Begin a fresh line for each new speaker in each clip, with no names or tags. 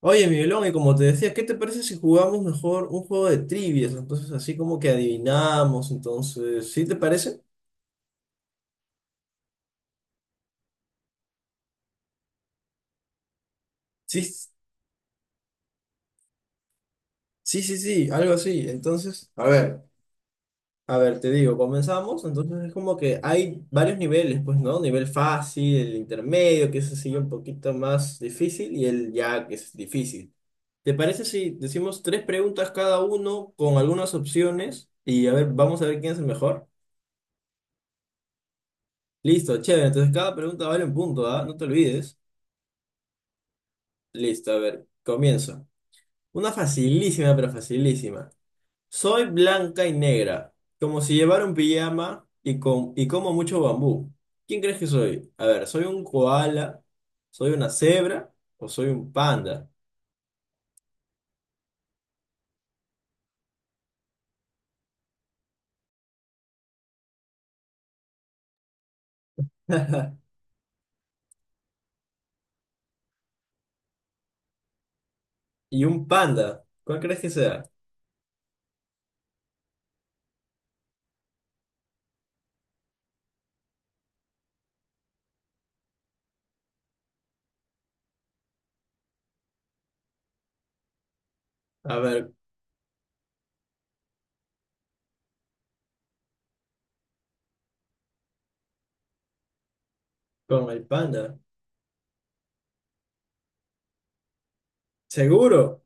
Oye, Miguelón, y como te decía, ¿qué te parece si jugamos mejor un juego de trivias? Entonces, así como que adivinamos, entonces, ¿sí te parece? Sí, sí, sí, sí, algo así. Entonces, a ver, te digo, comenzamos. Entonces, es como que hay varios niveles, pues, ¿no? Nivel fácil, el intermedio, que es así un poquito más difícil, y el ya que es difícil. ¿Te parece si decimos tres preguntas cada uno con algunas opciones? Y a ver, vamos a ver quién es el mejor. Listo, chévere. Entonces, cada pregunta vale un punto, ¿ah? No te olvides. Listo, a ver, comienzo. Una facilísima, pero facilísima. Soy blanca y negra, como si llevara un pijama y, y como mucho bambú. ¿Quién crees que soy? A ver, ¿soy un koala? ¿Soy una cebra? ¿O soy un panda? Y un panda, ¿cuál crees que sea? A ver, con el panda. ¿Seguro?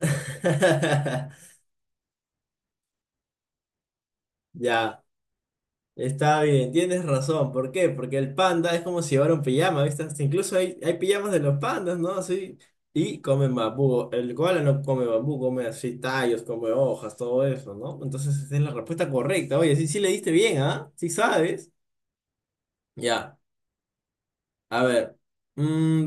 Ya. Está bien, tienes razón. ¿Por qué? Porque el panda es como si llevara un pijama, ¿viste? Hasta incluso hay, hay pijamas de los pandas, ¿no? Así. Y comen bambú. El koala no come bambú, come así tallos, come hojas, todo eso, ¿no? Entonces esa es la respuesta correcta. Oye, sí, sí le diste bien, ¿ah? Sí sabes. Ya. A ver. mm,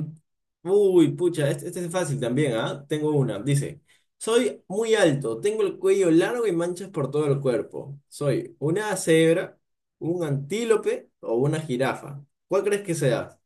uy, pucha, este es fácil también, ¿ah? Tengo una. Dice, soy muy alto, tengo el cuello largo y manchas por todo el cuerpo. Soy una cebra, un antílope o una jirafa. ¿Cuál crees que sea?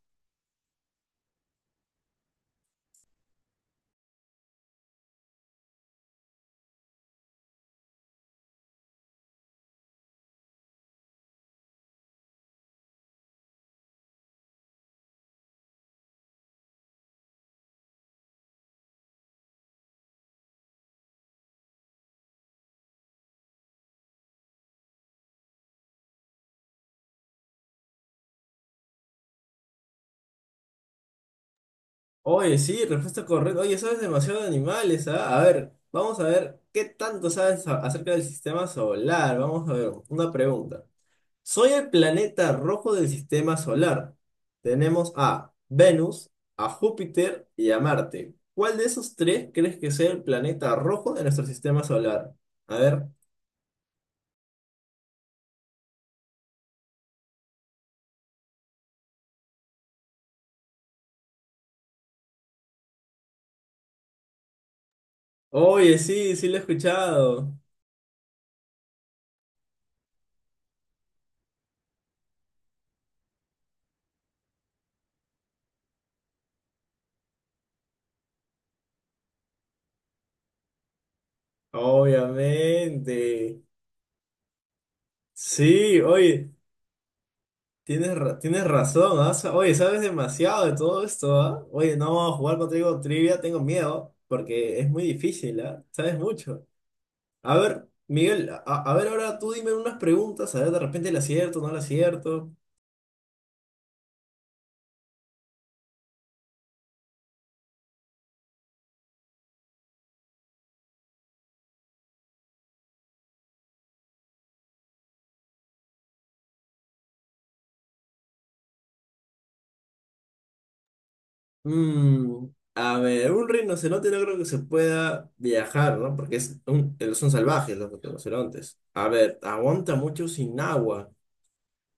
Oye, sí, respuesta correcta. Oye, sabes demasiado de animales, ¿ah? A ver, vamos a ver qué tanto sabes acerca del sistema solar. Vamos a ver, una pregunta. Soy el planeta rojo del sistema solar. Tenemos a Venus, a Júpiter y a Marte. ¿Cuál de esos tres crees que sea el planeta rojo de nuestro sistema solar? A ver. Oye, sí, sí lo he escuchado. Obviamente. Sí, oye, tienes, tienes razón, ¿ah? Oye, sabes demasiado de todo esto, ¿ah? Oye, no, jugar contigo trivia tengo miedo porque es muy difícil, ¿ah? Sabes mucho. A ver, Miguel, a ver ahora tú dime unas preguntas, a ver de repente le acierto, no le acierto. Mm, a ver, un rinoceronte no creo que se pueda viajar, ¿no? Porque es un- son salvajes los rinocerontes. A ver, aguanta mucho sin agua.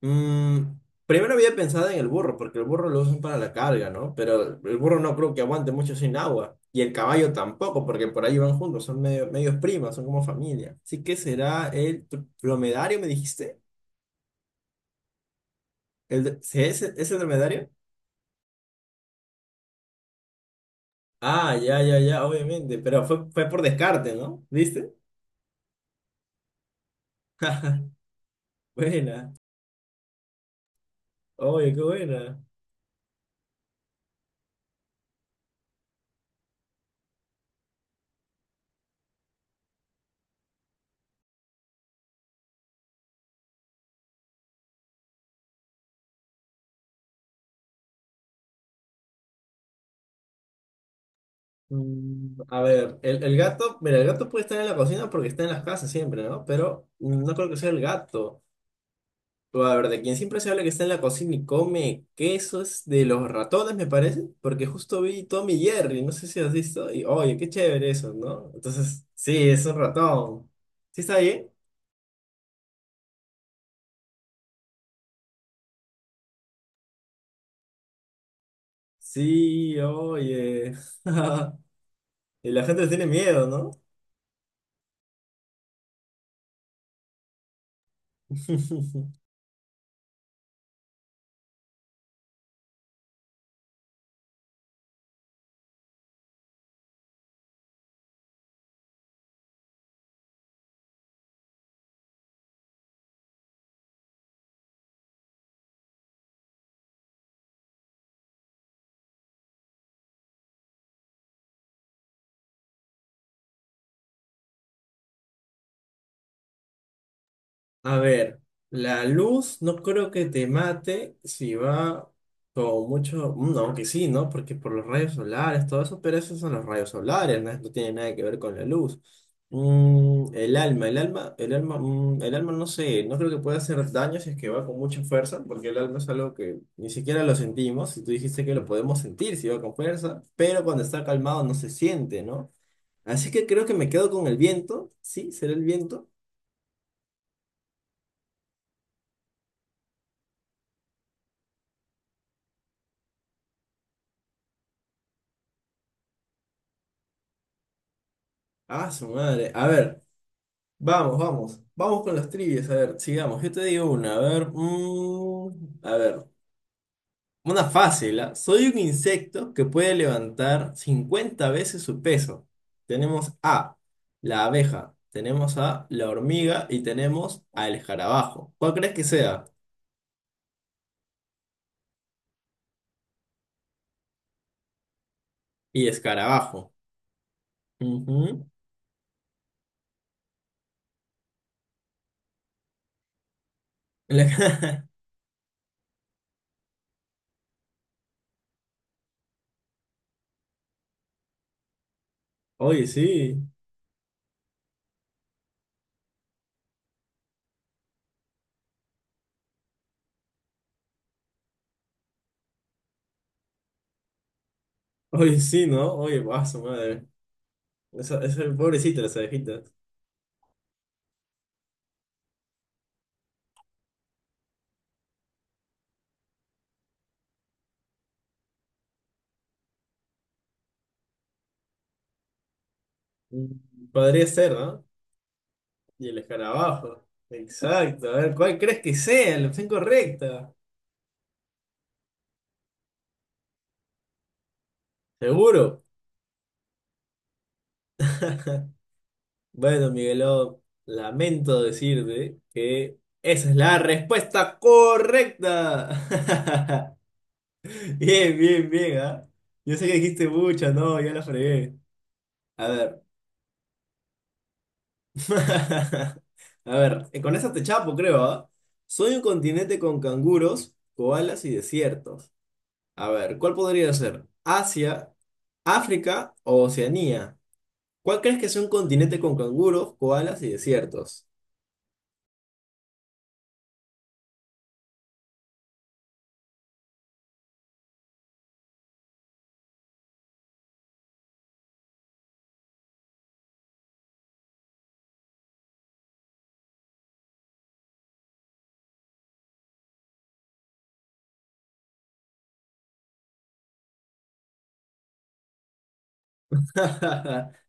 Mm, primero había pensado en el burro, porque el burro lo usan para la carga, ¿no? Pero el burro no creo que aguante mucho sin agua. Y el caballo tampoco, porque por ahí van juntos, son medios primas, son como familia. Así que será el dromedario, me dijiste. ¿El de- ¿sí ¿Es el dromedario? Ah, ya, ya, ya, obviamente. Pero fue, fue por descarte, ¿no? ¿Viste? Buena. Oye, qué buena. A ver, el gato, mira, el gato puede estar en la cocina porque está en las casas siempre, ¿no? Pero no creo que sea el gato. Pero, a ver, de quien siempre se habla que está en la cocina y come quesos de los ratones, me parece, porque justo vi Tommy y Jerry, no sé si has visto, y oye, qué chévere eso, ¿no? Entonces, sí, es un ratón. ¿Sí está ahí? Sí, oye. Y la gente tiene miedo, ¿no? A ver, la luz no creo que te mate si va con mucho, aunque sí, ¿no? Porque por los rayos solares, todo eso, pero esos son los rayos solares, ¿no? No tiene nada que ver con la luz. El alma, el alma, el alma, el alma no sé, no creo que pueda hacer daño si es que va con mucha fuerza, porque el alma es algo que ni siquiera lo sentimos, y tú dijiste que lo podemos sentir si va con fuerza, pero cuando está calmado no se siente, ¿no? Así que creo que me quedo con el viento, sí, será el viento. Ah, su madre. A ver. Vamos, vamos. Vamos con las trivias. A ver, sigamos. Yo te digo una. A ver. A ver. Una fácil, ¿ah? Soy un insecto que puede levantar 50 veces su peso. Tenemos A, la abeja. Tenemos a la hormiga y tenemos al escarabajo. ¿Cuál crees que sea? Y escarabajo. Ujú. La- Oye, sí. Oye, sí, ¿no? Oye, va, su madre. Pobrecita, las abejitas. Mm, Podría ser, ¿no? Y el escarabajo. Exacto. A ver, ¿cuál crees que sea la opción correcta? Seguro. Bueno, Miguelón, lamento decirte que esa es la respuesta correcta. Bien, bien, bien, ¿ah? Yo sé que dijiste mucha no, ya la fregué. A ver. A ver, con esa te chapo, creo, ¿ah? Soy un continente con canguros, koalas y desiertos. A ver, ¿cuál podría ser? ¿Asia, África o Oceanía? ¿Cuál crees que es un continente con canguros, koalas y desiertos?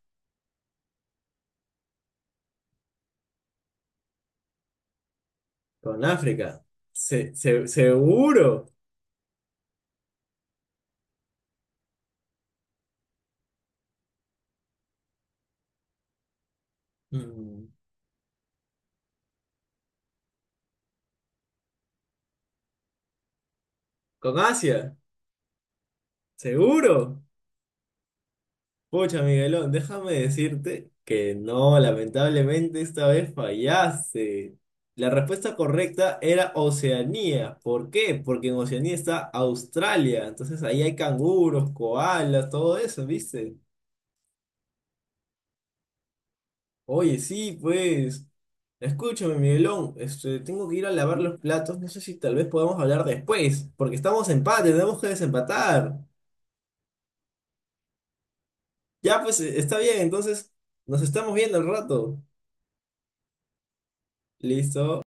Con África. Seguro. Mm, Con Asia. Seguro. Pucha, Miguelón, déjame decirte que no, lamentablemente esta vez fallaste. La respuesta correcta era Oceanía. ¿Por qué? Porque en Oceanía está Australia. Entonces ahí hay canguros, koalas, todo eso, ¿viste? Oye, sí, pues. Escúchame, Miguelón. Este, tengo que ir a lavar los platos. No sé si tal vez podamos hablar después, porque estamos en empate, tenemos que desempatar. Ya, pues, está bien, entonces nos estamos viendo al rato. Listo.